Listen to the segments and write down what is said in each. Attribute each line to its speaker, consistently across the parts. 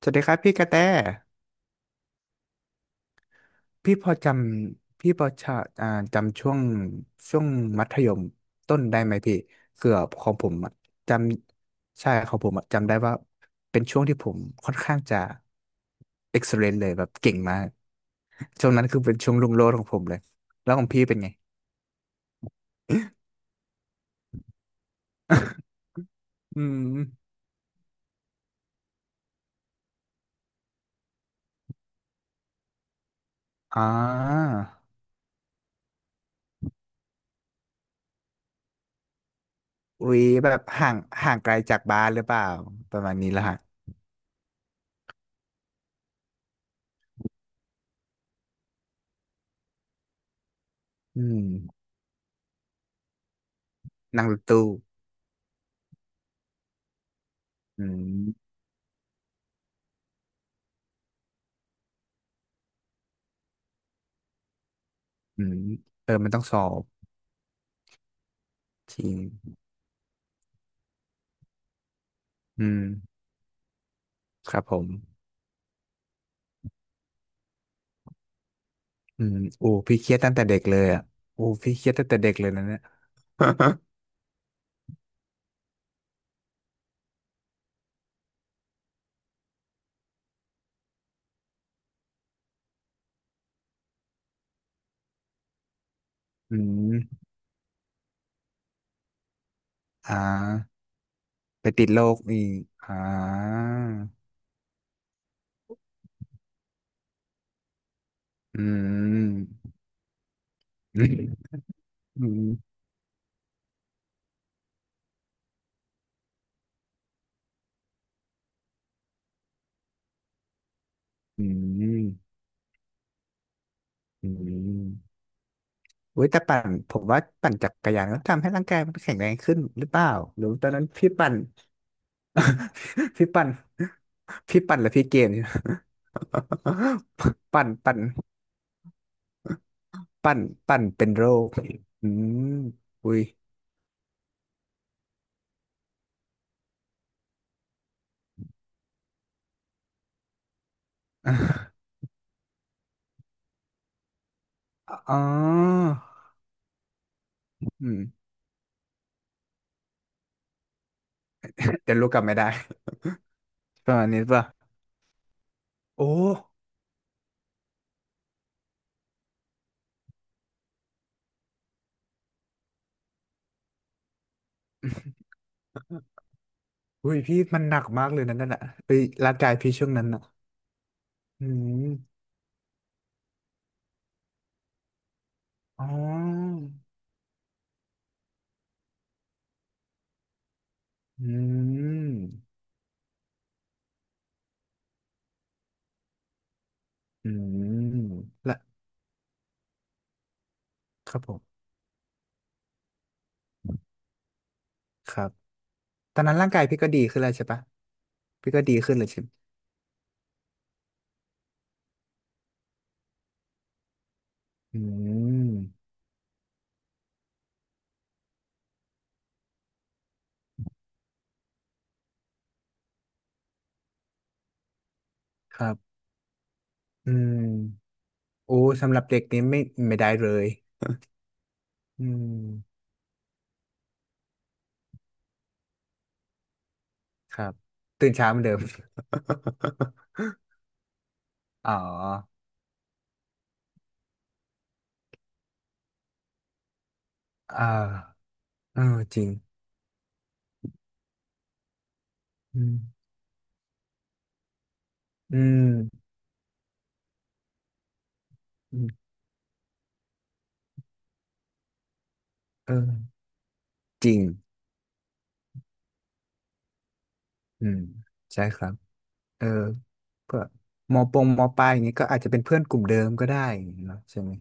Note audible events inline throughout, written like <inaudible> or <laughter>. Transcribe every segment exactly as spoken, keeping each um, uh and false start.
Speaker 1: สวัสดีครับพี่กระแตพี่พอจำพี่พอจะอ่าจำช่วงช่วงมัธยมต้นได้ไหมพี่เกือบของผมอะจำใช่ของผมอะจำได้ว่าเป็นช่วงที่ผมค่อนข้างจะเอ็กซ์ e ลนเลยแบบเก่งมากช่วงนั้นคือเป็นช่วงรุ่งโรจน์ของผมเลยแล้วของพี่เป็นไง <laughs> อืม <laughs> อ่าอุ๊ยแบบห่างห่างไกลจากบ้านหรือเปล่าประมาณนี้ละฮะอืมนั่งรถตู้อืม อืมเออมันต้องสอบจริงอืมครับผมอืมโอ้พี่เครียดตั้งแต่เด็กเลยอ่ะโอ้พี่เครียดตั้งแต่เด็กเลยนะเนี่ย <laughs> อืมอ่าไปติดโรคอีกอ่าอืมอืมอืมอืมอืมอุ้ยแต่ปั่นผมว่าปั่นจักรยานก็ทำให้ร่างกายมันแข็งแรงขึ้นหรือเปล่าหรือตอนนั้นพี่ปั่น <laughs> พี่ปั่นพี่ปั่นแล้วพี่เกม <laughs> ปั่นปั่น ปั่นปั้นเป็นโรคอืมอุ้ยอ๋ออืมเดี๋ยวรู้กลับไม่ได้ประมาณนี้ป่ะ โอ้อุ้ยพี่มันหนักมากเลยนะนั่นน่ะเฮ้ยร่างกายพี่ช่วงนั้นน่ะอืมอ๋ออืมอืมละครับผมครับตอนนั้นร่างกายพี่ก็ดีขึ้นแล้วใช่ปะพี่ก็ดีขึ้นเลยใช่ไหมอืมครับ อืมโอ้สำหรับเด็กนี้ไม่ไม่ได้เลยอืม ครับตื่นเช้าเหมือนเดิม <laughs> อ๋อเออเออจริงอืมอืมอืมเออจริงอืมใช่ครับเออเพื่อมอปงมอปลายอย่างนี้ก็อาจจะเป็นเพื่อนกลุ่มเดิมก็ได้อย่างงี้เนาะใช่ไหม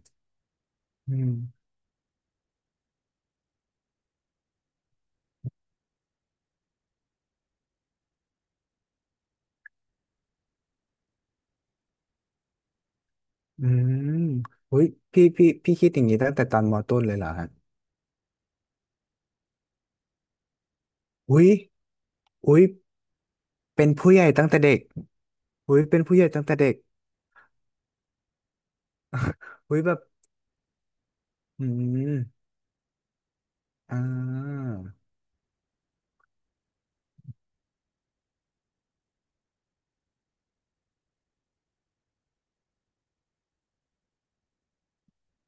Speaker 1: อืมอืมอุ้ยพี่พี่พี่คิดอย่างนี้ตั้งแต่ตอนมอต้นเลยเหรอฮะอุ้ยอุ้ยเป็นผู้ใหญ่ตั้งแต่เด็กอุ้ยเป็นผู้ใหญ่ตั้งแต่เด็กอุ้ยแบบอืมอ่า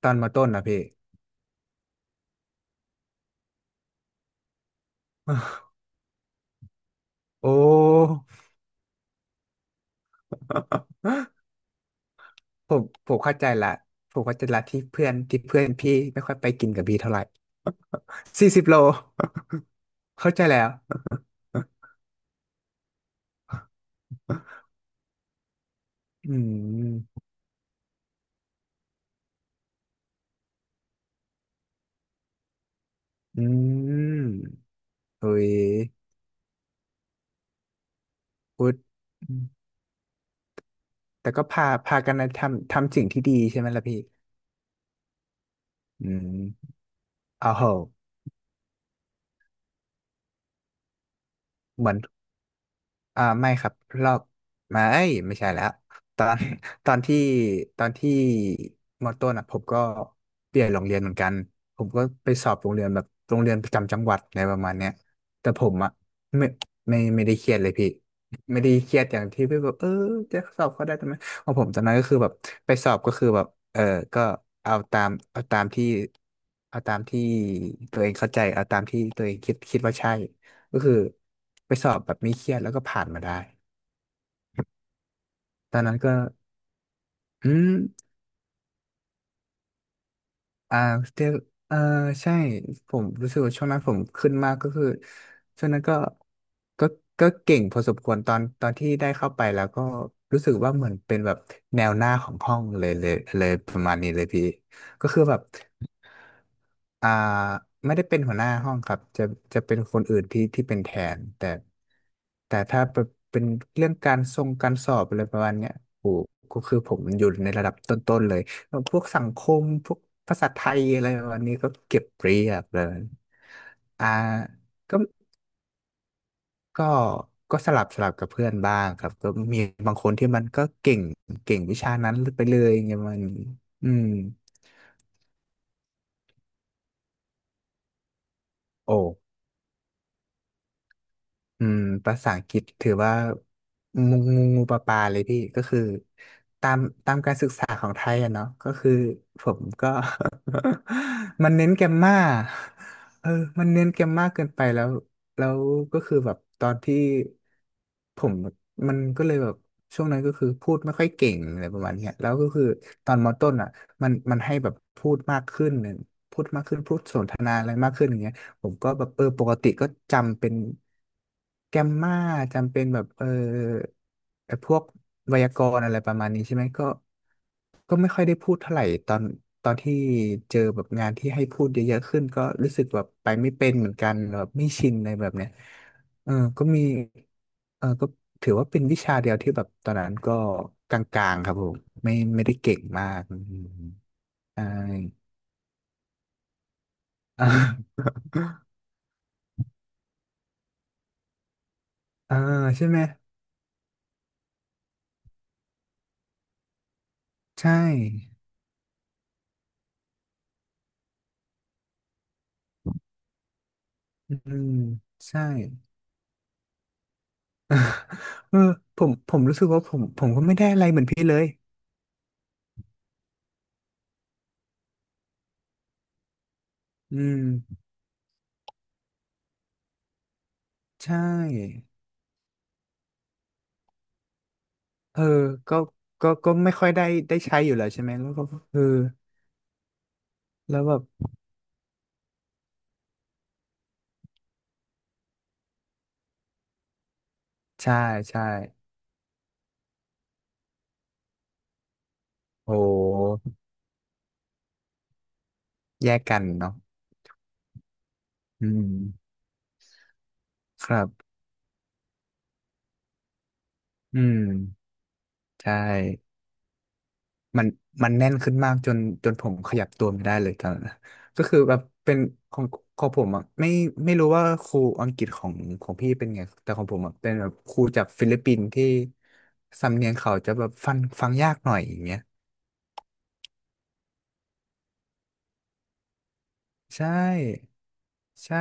Speaker 1: ตอนมอต้นนะพี่ โอ้ผมผมเข้าใจละผมเข้าใจละที่เพื่อนที่เพื่อนพี่ไม่ค่อยไปกินกับพี่เท่าไหร่สี่สิบโลเข้าใจแล้วอืมอืมเฮ้ยพุดอืมแต่ก็พาพากันนะทำทำสิ่งที่ดีใช่ไหมล่ะพี่อืมอ้าวเหอะเหมือน อ่าไม่ครับรอบไม่ไม่ใช่แล้วตอน <laughs> ตอนที่ตอนที่มอต้นอ่ะผมก็เปลี่ยนโรงเรียนเหมือนกันผมก็ไปสอบโรงเรียนแบบโรงเรียนประจำจังหวัดอะไรประมาณเนี้ยแต่ผมอ่ะไม่ไม่ไม่ได้เครียดเลยพี่ไม่ได้เครียดอย่างที่พี่บอกเออจะสอบเขาได้ทำไมของผมตอนนั้นก็คือแบบไปสอบก็คือแบบเออก็เอาตามเอาตามที่เอาตามที่ตัวเองเข้าใจเอาตามที่ตัวเองคิดคิดว่าใช่ ก็คือไปสอบแบบไม่เครียดแล้วก็ผ่านมาได้ ตอนนั้นก็อืมอ่าเดี๋ยวเออใช่ผมรู้สึกว่าช่วงนั้นผมขึ้นมากก็คือช่วงนั้นก็ก็ก็เก่งพอสมควรตอนตอนที่ได้เข้าไปแล้วก็รู้สึกว่าเหมือนเป็นแบบแนวหน้าของห้องเลยเลยเลยประมาณนี้เลยพี่ก็คือแบบ อ่าไม่ได้เป็นหัวหน้าห้องครับจะจะเป็นคนอื่นที่ที่เป็นแทนแต่แต่ถ้าเป็นเรื่องการทรงการสอบอะไรประมาณเนี้ยโอ้ก็คือผมอยู่ในระดับต้นๆเลยแล้วพวกสังคมพวกภาษาไทยอะไรประมาณนี้ก็เก็บเรียบเลยอ่าก็ก็ก็สลับสลับกับเพื่อนบ้างครับก็มีบางคนที่มันก็เก่งเก่งวิชานั้นไปเลยไงมันอืมโอ้ อืมภาษาอังกฤษถือว่างูงูงูปลาปลาเลยพี่ก็คือตามตามการศึกษาของไทยอะเนาะก็คือผมก็ <laughs> มันเน้นแกรมมาเออมันเน้นแกรมมาเกินไปแล้วแล้วก็คือแบบตอนที่ผมมันก็เลยแบบช่วงนั้นก็คือพูดไม่ค่อยเก่งอะไรประมาณเนี้ยแล้วก็คือตอนมต้นอ่ะมันมันให้แบบพูดมากขึ้น นาอะไรมากขึ้นอย่างเงี้ยผมก็แบบเออปกติก็จำเป็นแกมมาจำเป็นแบบเออไอ้พวกไวยากรณ์อะไรประมาณนี้ใช่ไหมก็ก็ไม่ค่อยได้พูดเท่าไหร่ตอนตอนที่เจอแบบงานที่ให้พูดเยอะๆขึ้นก็รู้สึกแบบไปไม่เป็นเหมือนกันแบบไม่ชินอะไรแบบเนี้ยเออก็มีเออก็ถือว่าเป็นวิชาเดียวที่แบบตอนนั้นก็กลางๆครับผมไม่ไม่ได้เก่งมากอืมใช่ <laughs> อ่าอ่าใช่ไหม ใช่อืมใช่ <laughs> เออผมผมรู้สึกว่าผมผมก็ไม่ได้อะไรเหมือนพี่เลยอืมใช่เออก็ก็ก็ไม่ค่อยได้ได้ใช้อยู่แล้วใช่ไหม แล้วก็เออแล้วแบบใช่ใช่โอ้แยกกันเนาะอืมครับอืมใช่ มันมันแน่นขึ้นมากจนจนผมขยับตัวไม่ได้เลยตอนนั้นนะก็คือแบบเป็นของของผมอ่ะไม่ไม่รู้ว่าครูอังกฤษของของพี่เป็นไงแต่ของผมอ่ะเป็นแบบครูจากฟิลิปปินส์ที่สำเนียงเขาจะแบบฟังฟังยากหน่อยอย่างเงี้ยใช่ใช่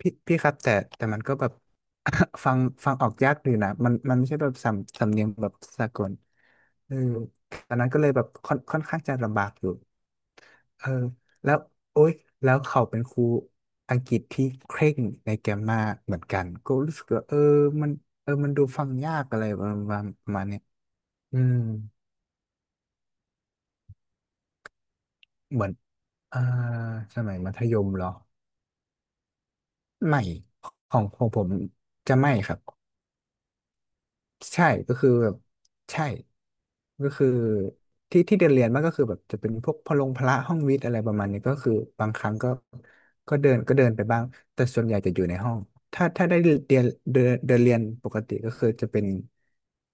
Speaker 1: พี่พี่ครับแต่แต่มันก็แบบ <laughs> ฟังฟังออกยากอยู่นะมันมันไม่ใช่แบบสำสำเนียงแบบสากลเออตอนนั้นก็เลยแบบค่อนค่อนข้างจะลำบากอยู่ เออแล้วโอ๊ยแล้วเขาเป็นครูอังกฤษที่เคร่งในแกรมมาเหมือนกันก็รู้สึกว่าเออมันเออมันดูฟังยากอะไรประมาณประมาณเนี้ยอืมเหมือนอ่าสมัยมัธยมเหรอไม่ของของผมจะไม่ครับ ใช่ก็คือแบบใช่ก็คือที่ที่เรียนเรียนมันก็คือแบบจะเป็นพวกพลงพละห้องวิทย์อะไรประมาณนี้ก็คือบางครั้งก็ก็เดินก็เดินไปบ้างแต่ส่วนใหญ่จะอยู่ในห้องถ้าถ้าได้เรียนเดินเดินเรียนปกติก็คือจะเป็น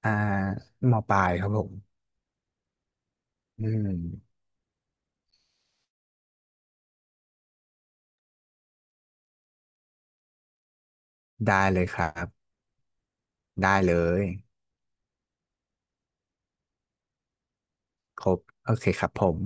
Speaker 1: อ่ามปลายครับผมอืมได้เลยครับได้เลยครบโอเคครับผม